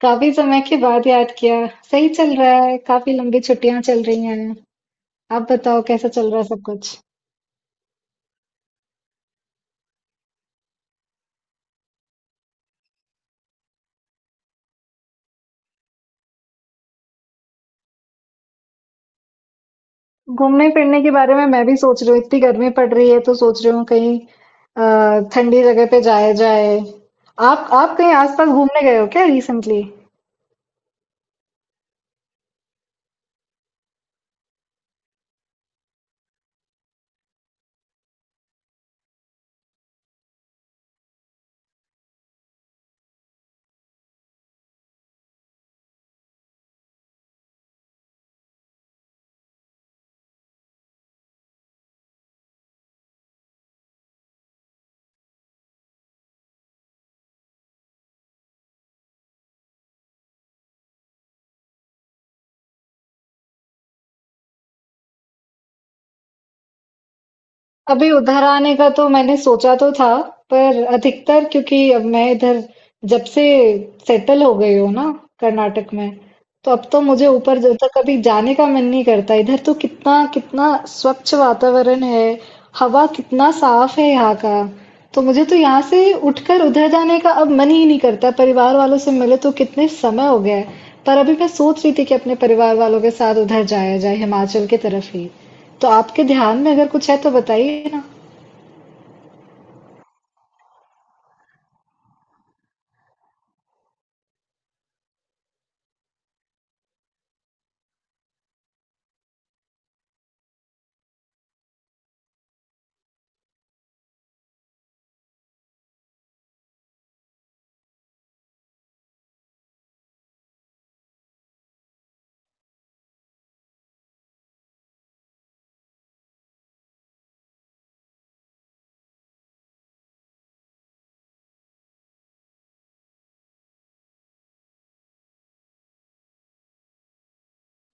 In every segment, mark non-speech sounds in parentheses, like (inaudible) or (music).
काफ़ी समय के बाद याद किया। सही चल रहा है। काफ़ी लंबी छुट्टियाँ चल रही हैं। आप बताओ कैसा चल रहा है सब कुछ? घूमने फिरने के बारे में मैं भी सोच रही हूँ। इतनी गर्मी पड़ रही है तो सोच रही हूँ कहीं ठंडी जगह पे जाया जाए। आप कहीं आसपास घूमने गए हो क्या रिसेंटली? अभी उधर आने का तो मैंने सोचा तो था पर अधिकतर क्योंकि अब मैं इधर जब से सेटल हो गई हूँ ना कर्नाटक में तो अब तो मुझे ऊपर जब तक कभी जाने का मन नहीं करता इधर तो कितना कितना स्वच्छ वातावरण है हवा कितना साफ है यहाँ का तो मुझे तो यहाँ से उठकर उधर जाने का अब मन ही नहीं करता परिवार वालों से मिले तो कितने समय हो गया है पर अभी मैं सोच रही थी कि अपने परिवार वालों के साथ उधर जाया जाए हिमाचल की तरफ ही तो आपके ध्यान में अगर कुछ है तो बताइए ना।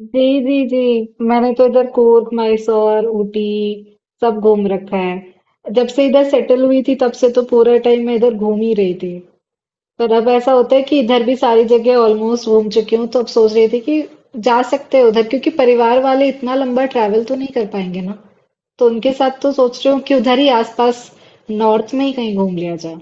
जी जी जी, मैंने तो इधर कूर्ग मैसूर ऊटी सब घूम रखा है जब से इधर सेटल हुई थी तब से तो पूरे टाइम मैं इधर घूम ही रही थी पर अब ऐसा होता है कि इधर भी सारी जगह ऑलमोस्ट घूम चुकी हूँ तो अब सोच रही थी कि जा सकते हैं उधर क्योंकि परिवार वाले इतना लंबा ट्रैवल तो नहीं कर पाएंगे ना तो उनके साथ तो सोच रही हूँ कि उधर ही आसपास नॉर्थ में ही कहीं घूम लिया जाए।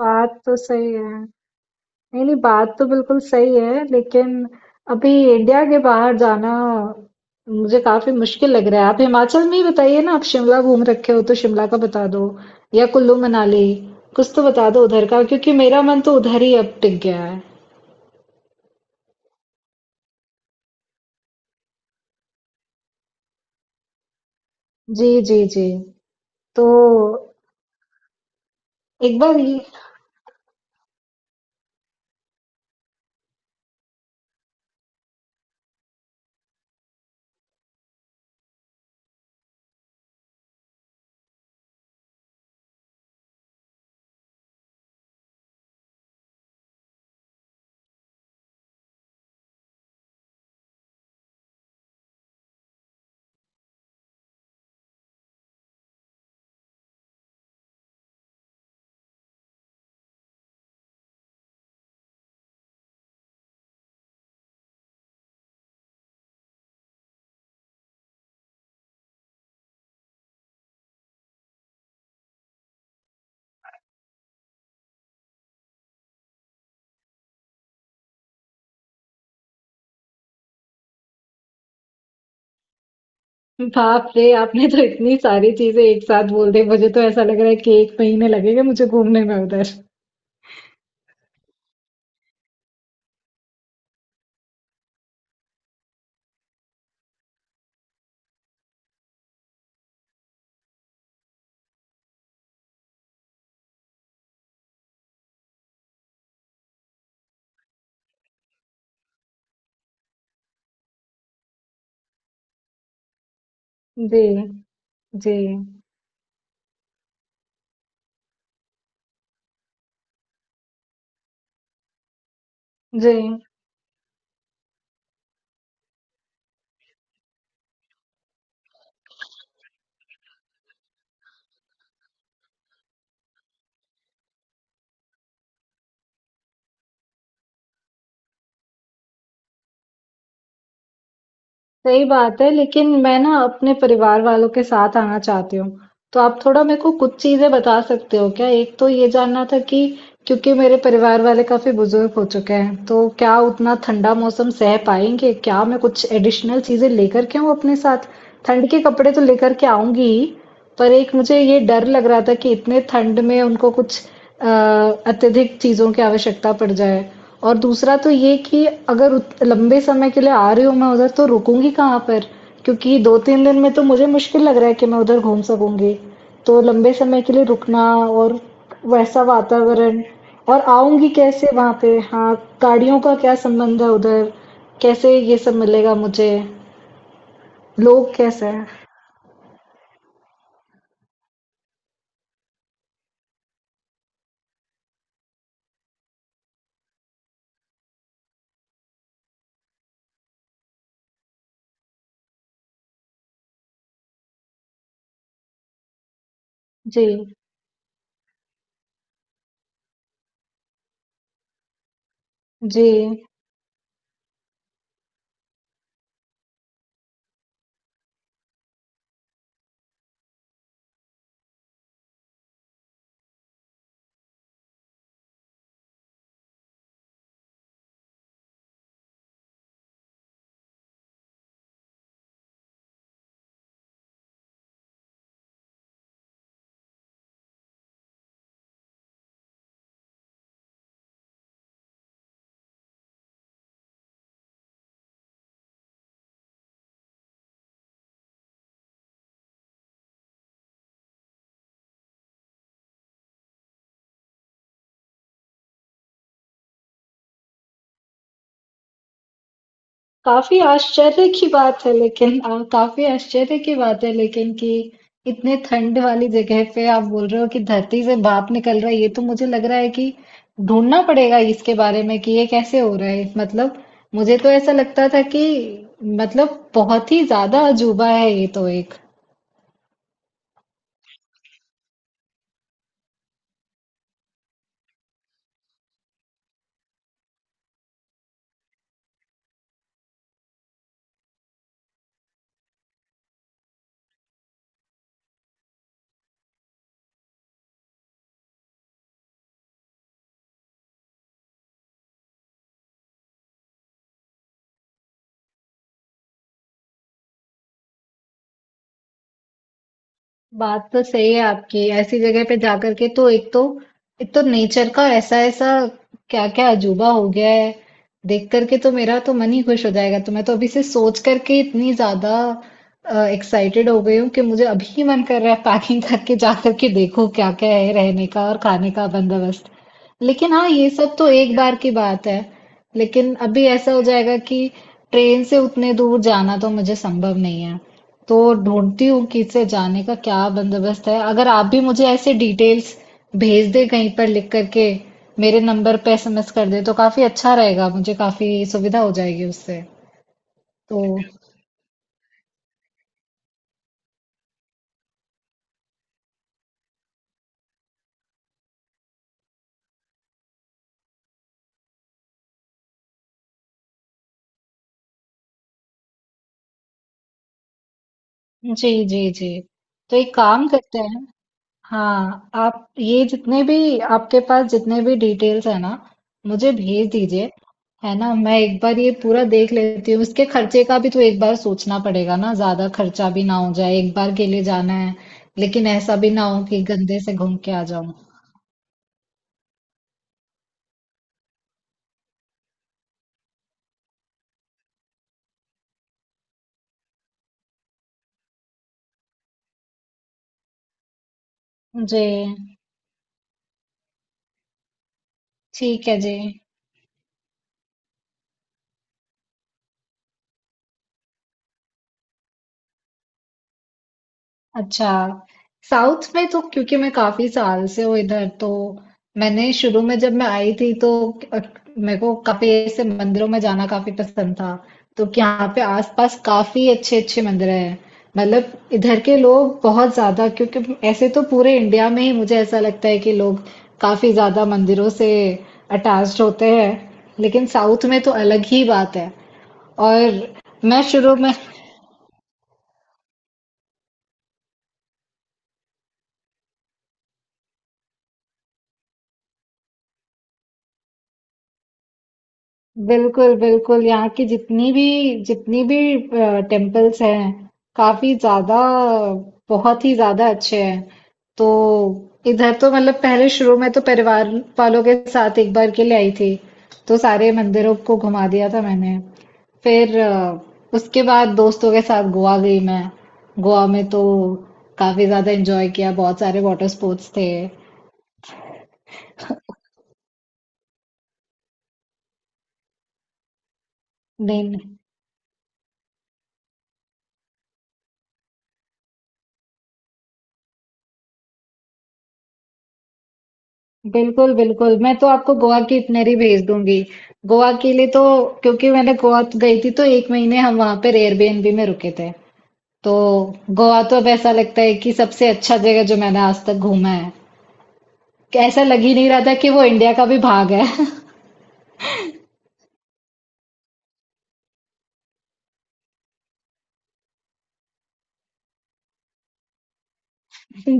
बात तो सही है। नहीं नहीं, बात तो बिल्कुल सही है लेकिन अभी इंडिया के बाहर जाना मुझे काफी मुश्किल लग रहा है। आप हिमाचल में ही बताइए ना, आप शिमला घूम रखे हो तो शिमला का बता दो या कुल्लू मनाली कुछ तो बता दो उधर का क्योंकि मेरा मन तो उधर ही अब टिक गया है। जी जी जी। तो एक बार ये बाप रे, आपने तो इतनी सारी चीजें एक साथ बोल दी, मुझे तो ऐसा लग रहा है कि एक महीने लगेगा मुझे घूमने में उधर। जी जी जी। सही बात है, लेकिन मैं ना अपने परिवार वालों के साथ आना चाहती हूँ। तो आप थोड़ा मेरे को कुछ चीज़ें बता सकते हो क्या? एक तो ये जानना था कि क्योंकि मेरे परिवार वाले काफ़ी बुजुर्ग हो चुके हैं, तो क्या उतना ठंडा मौसम सह पाएँगे? क्या मैं कुछ एडिशनल चीज़ें लेकर के आऊँ अपने साथ? ठंड के कपड़े तो लेकर के आऊँगी ही, पर एक मुझे ये डर लग रहा था कि इतने ठंड में उनको कुछ अ, अत्यधिक चीज़ों की आवश्यकता पड़ जाए। और दूसरा तो ये कि अगर लंबे समय के लिए आ रही हूँ मैं उधर तो रुकूंगी कहाँ पर क्योंकि दो तीन दिन में तो मुझे मुश्किल लग रहा है कि मैं उधर घूम सकूंगी। तो लंबे समय के लिए रुकना और वैसा वातावरण, और आऊंगी कैसे वहां पे, हाँ, गाड़ियों का क्या संबंध है उधर, कैसे ये सब मिलेगा मुझे, लोग कैसे हैं। जी जी। काफ़ी आश्चर्य की बात है लेकिन कि इतने ठंड वाली जगह पे आप बोल रहे हो कि धरती से भाप निकल रहा है। ये तो मुझे लग रहा है कि ढूंढना पड़ेगा इसके बारे में कि ये कैसे हो रहा है। मतलब मुझे तो ऐसा लगता था कि मतलब बहुत ही ज्यादा अजूबा है ये तो एक। बात तो सही है आपकी, ऐसी जगह पे जाकर के तो एक तो नेचर का ऐसा ऐसा क्या क्या अजूबा हो गया है देख करके तो मेरा तो मन ही खुश हो जाएगा। तो मैं तो अभी से सोच करके इतनी ज्यादा एक्साइटेड हो गई हूँ कि मुझे अभी ही मन कर रहा है पैकिंग (laughs) करके जा करके देखो क्या क्या है रहने का और खाने का बंदोबस्त। लेकिन हाँ, ये सब तो एक बार की बात है। लेकिन अभी ऐसा हो जाएगा कि ट्रेन से उतने दूर जाना तो मुझे संभव नहीं है। तो ढूँढती हूँ कि इससे जाने का क्या बंदोबस्त है। अगर आप भी मुझे ऐसे डिटेल्स भेज दें कहीं पर लिख कर के, मेरे नंबर पे एसएमएस कर दें तो काफ़ी अच्छा रहेगा, मुझे काफ़ी सुविधा हो जाएगी उससे। तो जी, जी, जी। तो एक काम करते हैं, हाँ, आप ये जितने भी आपके पास जितने भी डिटेल्स है ना मुझे भेज दीजिए। है ना, मैं एक बार ये पूरा देख लेती हूँ, इसके खर्चे का भी तो एक बार सोचना पड़ेगा ना, ज्यादा खर्चा भी ना हो जाए, एक बार के लिए जाना है लेकिन ऐसा भी ना हो कि गंदे से घूम के आ जाऊं। जी। ठीक है जी। अच्छा, साउथ में तो क्योंकि मैं काफी साल से हूँ इधर, तो मैंने शुरू में जब मैं आई थी तो अ, मेरे को काफी ऐसे मंदिरों में जाना काफी पसंद था। तो कि यहाँ पे आसपास काफी अच्छे अच्छे मंदिर हैं। मतलब इधर के लोग बहुत ज्यादा, क्योंकि ऐसे तो पूरे इंडिया में ही मुझे ऐसा लगता है कि लोग काफी ज्यादा मंदिरों से अटैच्ड होते हैं, लेकिन साउथ में तो अलग ही बात है। और मैं शुरू में बिल्कुल, बिल्कुल। यहाँ की जितनी भी जितनी भी टेम्पल्स हैं, काफ़ी ज़्यादा, बहुत ही ज़्यादा अच्छे हैं। तो इधर तो मतलब पहले शुरू में तो परिवार वालों के साथ एक बार के लिए आई थी, तो सारे मंदिरों को घुमा दिया था मैंने। फिर उसके बाद दोस्तों के साथ गोवा गई मैं। गोवा में तो काफ़ी ज़्यादा एंजॉय किया, बहुत सारे वाटर स्पोर्ट्स थे। देन बिल्कुल, बिल्कुल। मैं तो आपको गोवा की इटिनरी भेज दूँगी। गोवा के लिए तो क्योंकि मैंने गोवा तो गई थी तो 1 महीने हम वहाँ पर एयरबीएनबी में रुके थे। तो गोवा तो अब ऐसा लगता है कि सबसे अच्छा जगह जो मैंने आज तक घूमा है। ऐसा लग ही नहीं रहा था कि वो इंडिया का भी भाग है। (laughs)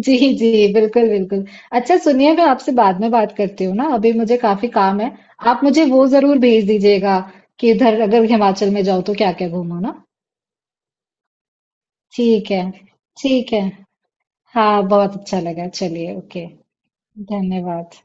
जी, जी। बिल्कुल, बिल्कुल। अच्छा सुनिए, मैं आपसे बाद में बात करती हूँ ना, अभी मुझे काफ़ी काम है। आप मुझे वो ज़रूर भेज दीजिएगा कि इधर अगर हिमाचल में जाओ तो क्या-क्या घूमो ना? ठीक है। ठीक है। हाँ बहुत अच्छा लगा, चलिए ओके, धन्यवाद।